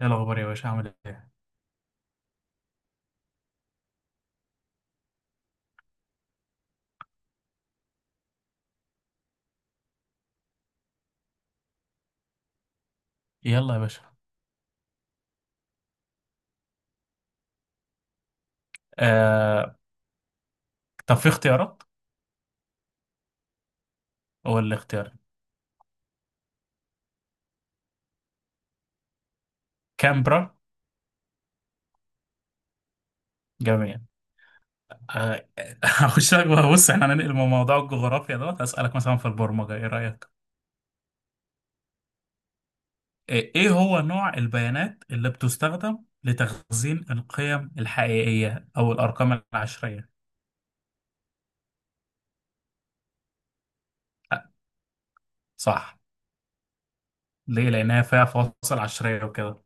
ايه الاخبار يا باشا، عامل ايه؟ يلا يا باشا. آه... طب في اختيارات. هو اللي اختيار. كامبرا. جميع. آه... هخش لك بقى، بص، احنا هننقل من موضوع الجغرافيا دوت هسألك مثلا في البرمجة، ايه رأيك؟ إيه هو نوع البيانات اللي بتستخدم لتخزين القيم الحقيقية او الارقام العشرية؟ آه، صح. ليه؟ لانها فيها فواصل عشرية وكده.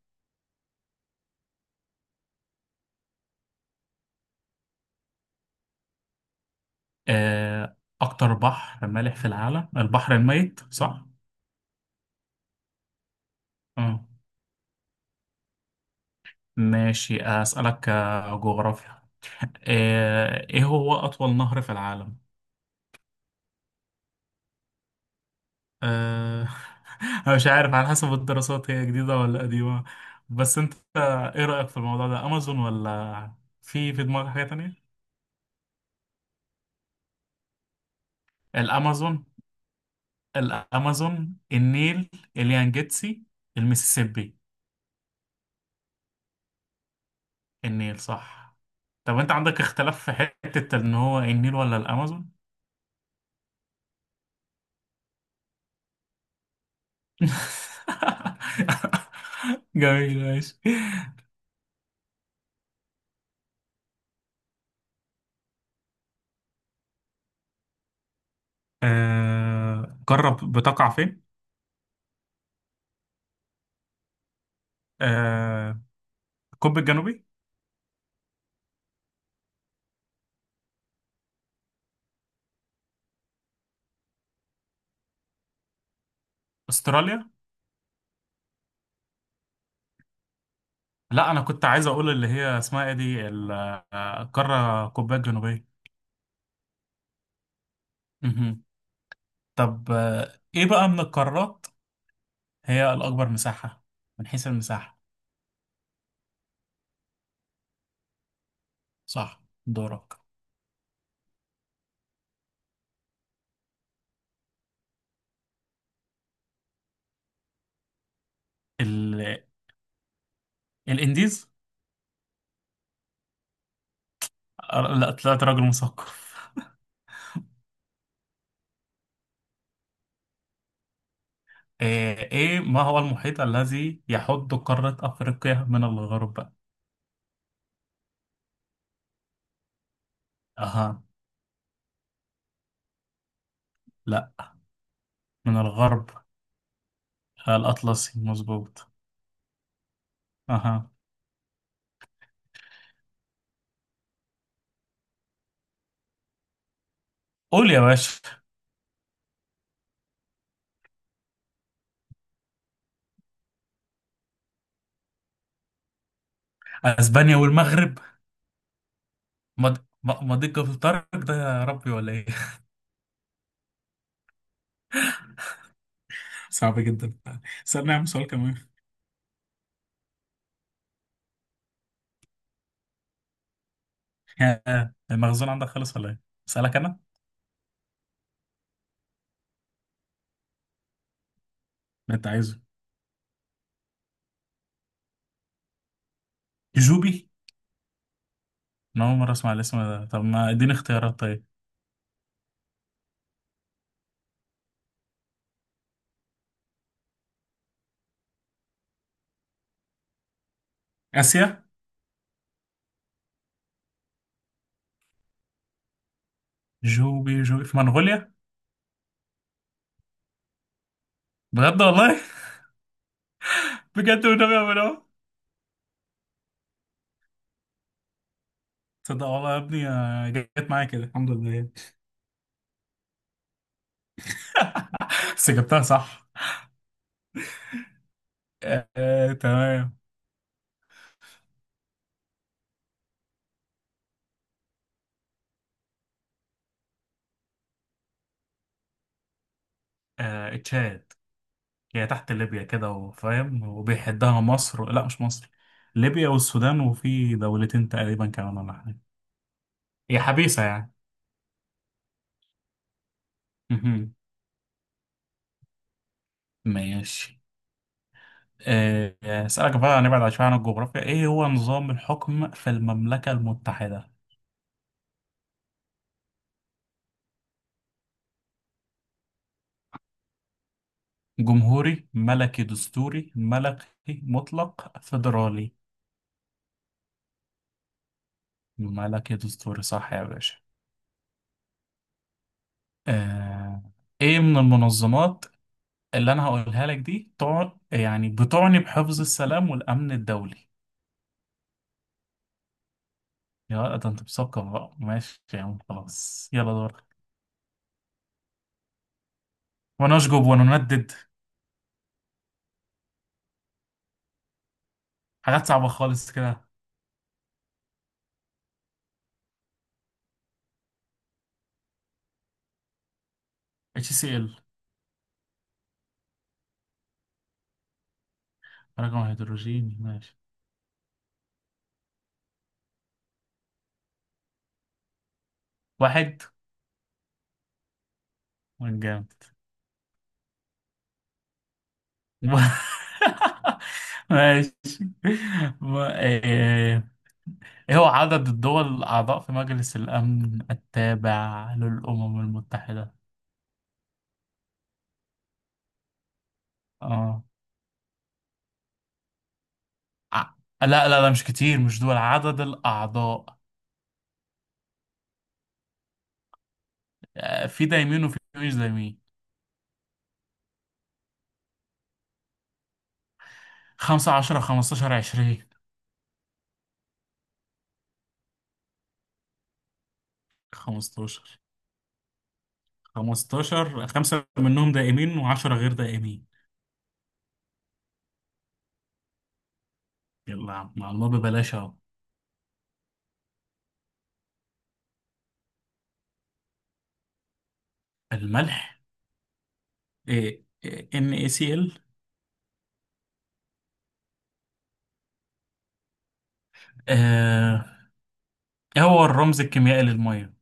آه... اكتر بحر مالح في العالم البحر الميت، صح. آه. ماشي. أسألك جغرافيا. ايه هو اطول نهر في العالم؟ آه، انا مش عارف، على حسب الدراسات هي جديدة ولا قديمة. بس انت ايه رأيك في الموضوع ده، امازون ولا في دماغك حاجة تانية؟ الامازون. الامازون، النيل، اليانجيتسي، المسيسيبي. النيل صح. طب انت عندك اختلاف في حتة ان هو النيل ولا الامازون؟ جميل ماشي. قارة بتقع فين؟ آه، القطب الجنوبي. استراليا. لا، انا كنت عايز اقول اللي هي اسمها ايه دي القاره القطبيه الجنوبيه. مهم. طب ايه بقى من القارات هي الاكبر مساحه، من حيث المساحه؟ صح، دورك. ال... الانديز. لا، طلعت راجل مثقف. ايه ما هو المحيط الذي يحد قاره افريقيا من الغرب؟ اها. لا. من الغرب. الاطلسي مظبوط. اها. قول يا باشا. اسبانيا والمغرب. مضيق في طارق ده يا ربي ولا ايه؟ صعب جدا. استنى يا عم، سؤال كمان. يا المخزون عندك خلص ولا ايه؟ اسألك انا؟ اللي انت عايزه. جوبي؟ انا اول مرة اسمع الاسم ده، طب ما اديني اختيارات طيب. اسيا. جوبي جوبي في منغوليا؟ بجد والله؟ بجد والنبي يا منو؟ تصدق والله يا ابني، جت معايا كده الحمد لله. بس جبتها صح. آه، آه، تمام. تشاد. هي تحت ليبيا كده وفاهم، وبيحدها مصر، لا مش مصر، ليبيا والسودان، وفي دولتين تقريبا كمان ولا حاجة. هي حبيسة يعني. مهم. ماشي. أسألك بقى نبعد شوية عن الجغرافيا. إيه هو نظام الحكم في المملكة المتحدة؟ جمهوري، ملكي دستوري، ملكي مطلق، فيدرالي. ملكي دستوري صح يا باشا. آه، إيه من المنظمات اللي أنا هقولها لك دي يعني بتعني بحفظ السلام والأمن الدولي؟ يا ده انت مثقف بقى، ماشي يا عم، خلاص يلا دورك. ونشجب ونندد. حاجات صعبة خالص كده. اتش سي ال. رقم هيدروجيني، ماشي. واحد. من جامد. ماشي. و- ايه إيه هو عدد الدول الأعضاء في مجلس الأمن التابع للأمم المتحدة؟ اه. ع- لا لا لا، مش كتير، مش دول عدد الأعضاء. في دايمين وفي مش دايمين. 15، 15، 20. 15. 15، خمسة منهم دائمين و10 غير دائمين. يلا يا عم، مع الله ببلاش اهو. الملح. إيه. ان اي سي ال. هو الرمز الكيميائي للمية.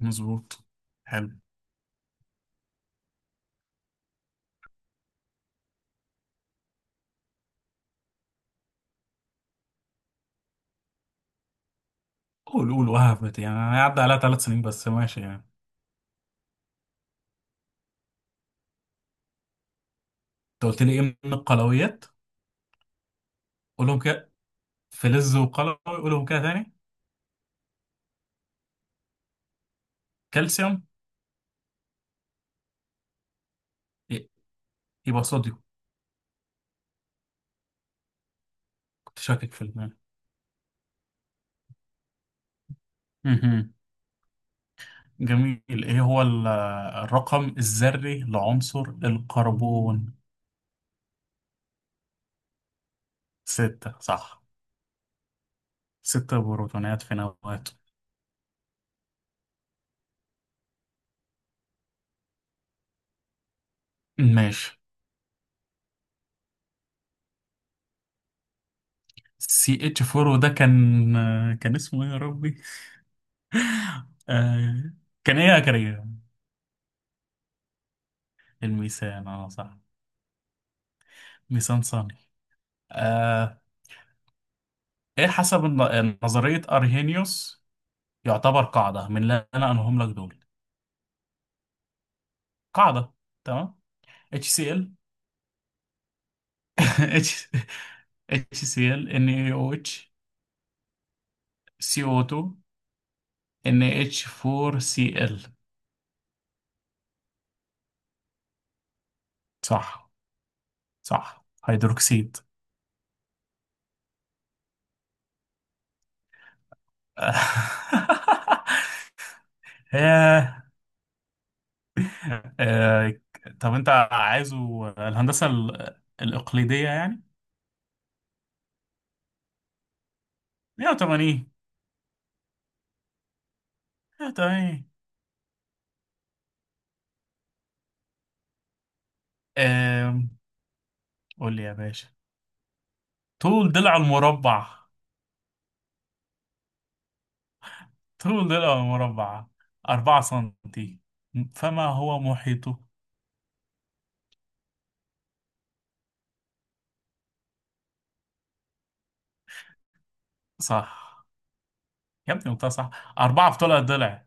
مظبوط. حلو. قول قول وهبت يعني، انا عدى عليها 3 سنين بس، ماشي يعني. انت قلت لي ايه من القلويات؟ قولهم كده. فلز وقلوي، قولهم كده تاني. كالسيوم. إيه، يبقى صوديوم. كنت شاكك في. المال. جميل. ايه هو الرقم الذري لعنصر الكربون؟ ستة صح. ستة بروتونات في نواته. ماشي. سي اتش 4 ده كان اسمه ايه يا ربي؟ آه... كان ايه يا كريم؟ الميثان، اه صح. ميثان ثاني. آه... ايه حسب نظرية ارهينيوس يعتبر قاعدة من اللي انا انهم لك دول؟ قاعدة. تمام. HCl. H HCl، NaOH، CO2، NH4Cl. صح، صح، هيدروكسيد. ياه. آه، طب انت عايزه الهندسة الإقليدية يعني. 180. 180. آم، قول لي يا باشا. طول ضلع المربع، طول ضلع المربع 4 سنتي، فما هو محيطه؟ صح يا ابني، قلتها صح، أربعة في طول الضلع.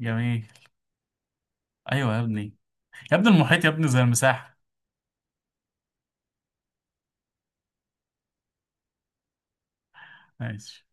جميل. أيوة يا ابني. يا ابني المحيط يا ابني زي المساحة. ماشي.